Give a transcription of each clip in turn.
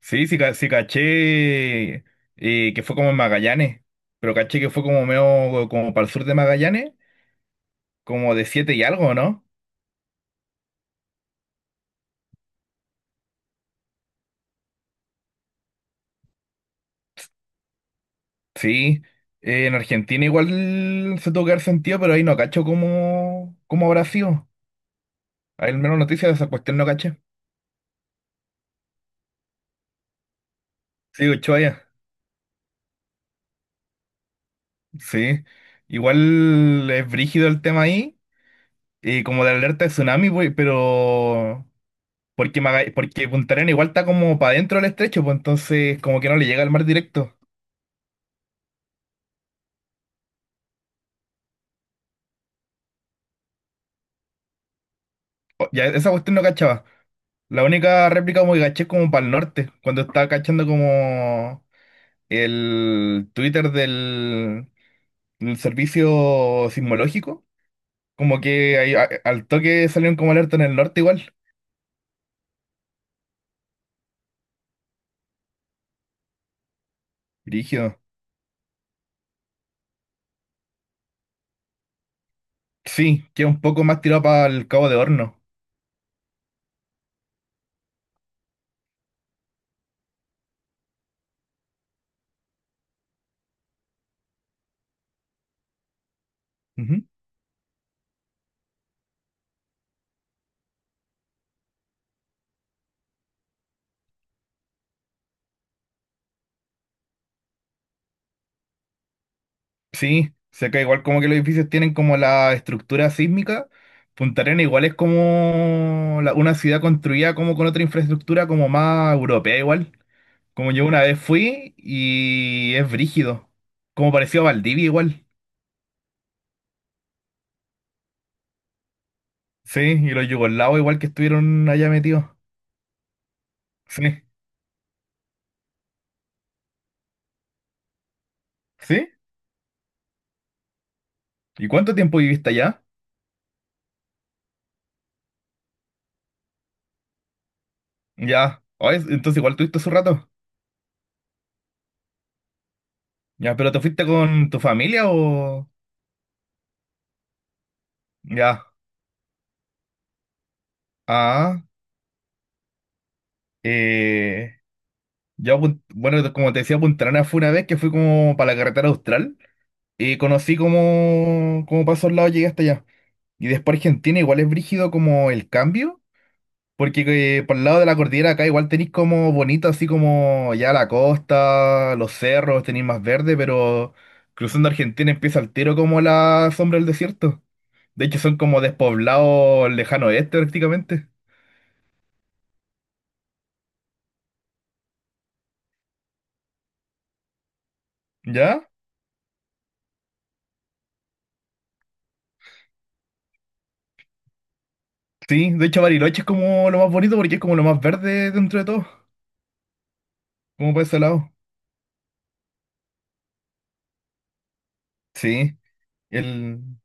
Sí, sí, sí caché que fue como en Magallanes, pero caché que fue como medio como para el sur de Magallanes, como de siete y algo, ¿no? Sí, en Argentina igual se tuvo que dar sentido, pero ahí no cacho cómo, cómo habrá sido. Al menos noticias de esa cuestión no caché. Sí, Ushuaia, sí. Igual es brígido el tema ahí, como de alerta de tsunami, pues, pero... Porque, porque Punta Arenas igual está como para adentro del estrecho, pues entonces como que no le llega al mar directo. Ya, esa cuestión no cachaba. La única réplica como que caché es como para el norte, cuando estaba cachando como el Twitter del servicio sismológico, como que ahí al toque salieron como alerta en el norte igual. Rígido. Sí, que un poco más tirado para el Cabo de Horno. Ujú. Sí, se cae igual como que los edificios tienen como la estructura sísmica. Punta Arenas igual es como una ciudad construida como con otra infraestructura como más europea igual. Como yo una vez fui y es brígido. Como pareció a Valdivia igual. Sí, y los yugoslavos igual que estuvieron allá metidos. Sí, sí. ¿Y cuánto tiempo viviste allá? Ya. Oh, entonces igual tuviste su rato. Ya, pero ¿te fuiste con tu familia o...? Ya. Ah. Eh, yo, bueno, como te decía, Punta Arenas fue una vez que fui como para la carretera austral y conocí como, como para esos lados llegué hasta allá. Y después Argentina igual es brígido como el cambio. Porque por el lado de la cordillera acá igual tenéis como bonito, así como ya la costa, los cerros, tenéis más verde, pero cruzando Argentina empieza al tiro como la sombra del desierto. De hecho son como despoblados lejano oeste prácticamente. ¿Ya? Sí, de hecho Bariloche es como lo más bonito porque es como lo más verde dentro de todo, como por ese lado. Sí, el,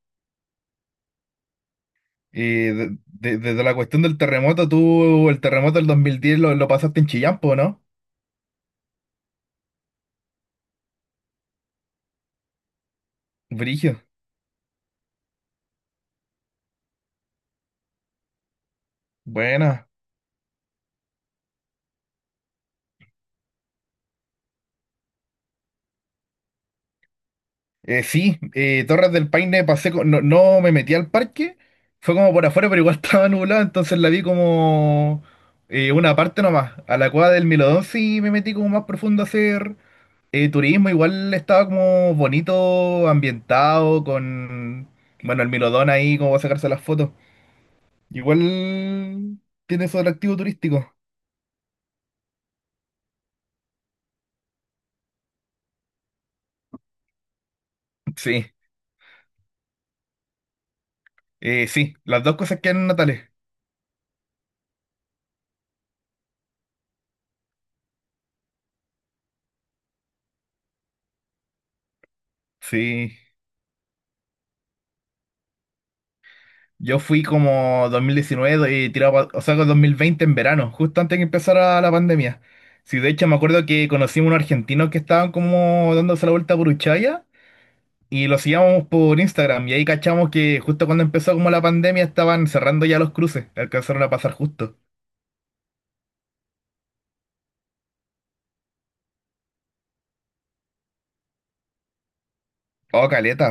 desde la cuestión del terremoto, tú el terremoto del 2010 lo pasaste en Chillán, po, ¿no? Brigio, buena. Sí, Torres del Paine pasé, no, no me metí al parque, fue como por afuera, pero igual estaba nublado, entonces la vi como una parte nomás. A la cueva del Milodón sí me metí como más profundo a hacer turismo, igual estaba como bonito, ambientado, con, bueno, el Milodón ahí como para sacarse las fotos. Igual tiene su atractivo turístico. Sí, sí, las dos cosas quedan en Natales. Sí. Yo fui como 2019 y tirado, o sea, con 2020 en verano, justo antes que empezara la pandemia. Sí, de hecho me acuerdo que conocimos unos argentinos que estaban como dándose la vuelta por Ushuaia y los seguíamos por Instagram y ahí cachamos que justo cuando empezó como la pandemia estaban cerrando ya los cruces, alcanzaron a pasar justo. Oh, caleta.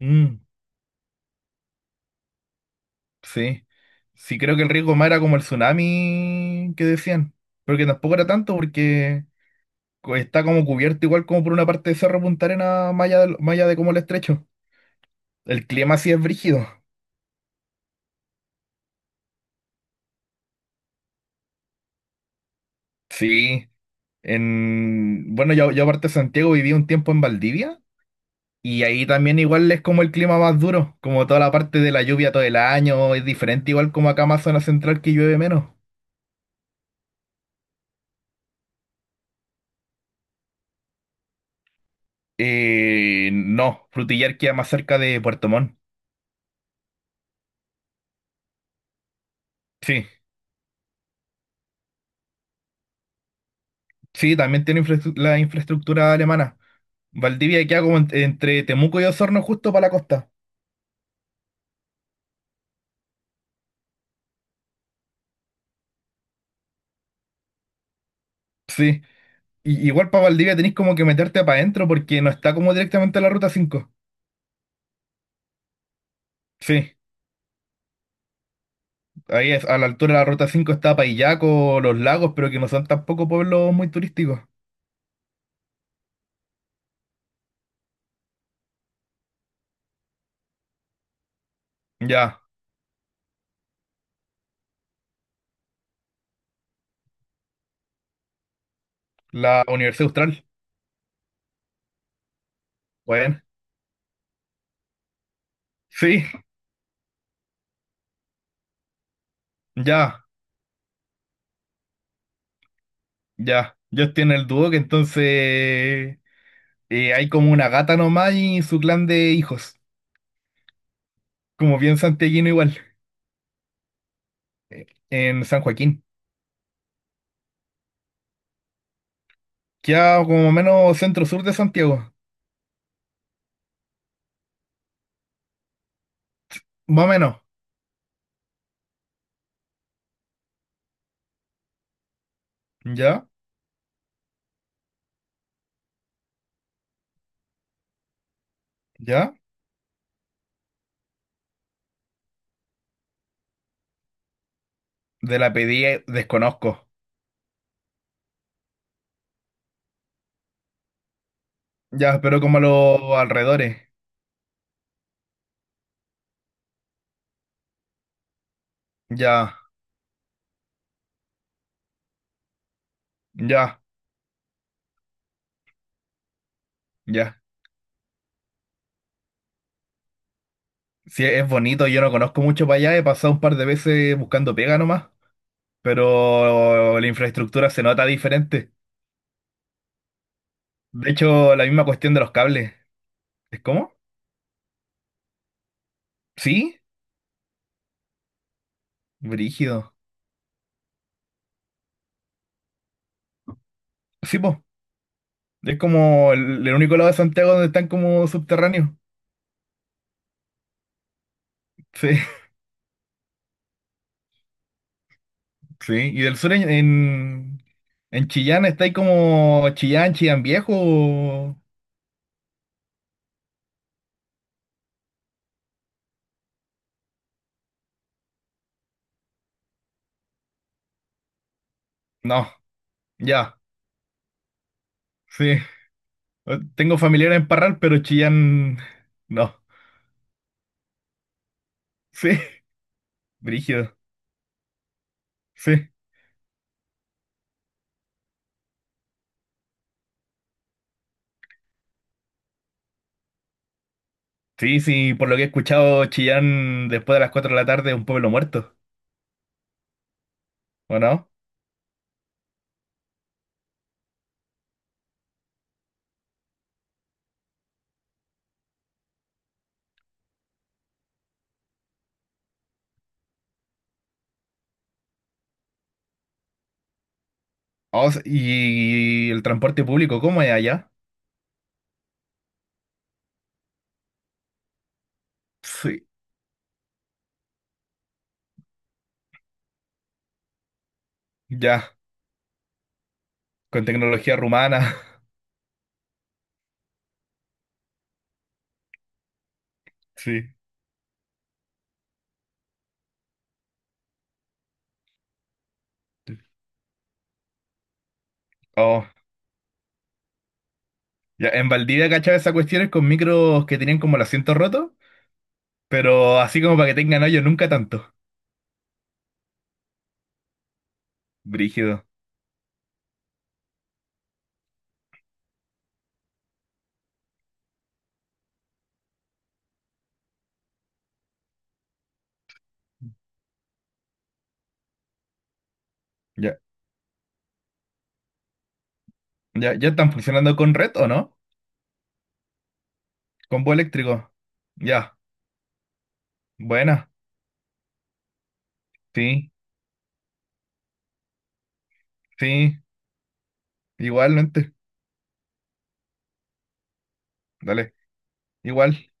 Mm, sí. Sí, creo que el riesgo más era como el tsunami que decían, pero que tampoco era tanto porque está como cubierto igual como por una parte de Cerro Punta Arena, más allá de como el estrecho. El clima sí es brígido. Sí. En, bueno, yo aparte de Santiago viví un tiempo en Valdivia y ahí también igual es como el clima más duro, como toda la parte de la lluvia todo el año, es diferente igual como acá más zona central que llueve menos. No, Frutillar queda más cerca de Puerto Montt. Sí, sí, también tiene la infraestructura alemana. Valdivia queda como entre Temuco y Osorno justo para la costa. Sí. Y- igual para Valdivia tenés como que meterte para adentro porque no está como directamente a la ruta cinco. Sí, ahí es, a la altura de la ruta 5 está Paillaco, los lagos, pero que no son tampoco pueblos muy turísticos. Ya, la Universidad Austral. Bueno, sí, ya, ya. Ellos tienen el dúo que entonces hay como una gata nomás y su clan de hijos, como bien santiaguino igual, en San Joaquín. Queda como menos centro-sur de Santiago, más o menos. Ya, ya. De la pedí desconozco. Ya, pero como a los alrededores. Ya, ya, ya. Sí, es bonito, yo no conozco mucho para allá, he pasado un par de veces buscando pega nomás, pero la infraestructura se nota diferente. De hecho, la misma cuestión de los cables. ¿Es cómo? ¿Sí? Brígido. Sí, po. Es como el único lado de Santiago donde están como subterráneos. Sí, sí. Y del sur en Chillán está ahí como Chillán, Chillán Viejo. No, ya. Sí. Tengo familiares en Parral, pero Chillán. No. Sí, brígido. Sí. Sí, sí, por lo que he escuchado, Chillán después de las 4 de la tarde es un pueblo muerto. ¿O no? Oh, y el transporte público, ¿cómo es allá? Sí. Ya, con tecnología rumana. Sí. Oh, ya, en Valdivia cachaba esas cuestiones con micros que tenían como el asiento roto, pero así como para que tengan hoyo, nunca tanto. Brígido. Ya, ya, ¿ya están funcionando con red o no? Con bus eléctrico. Ya. Buena, sí, sí, igualmente, dale, igual.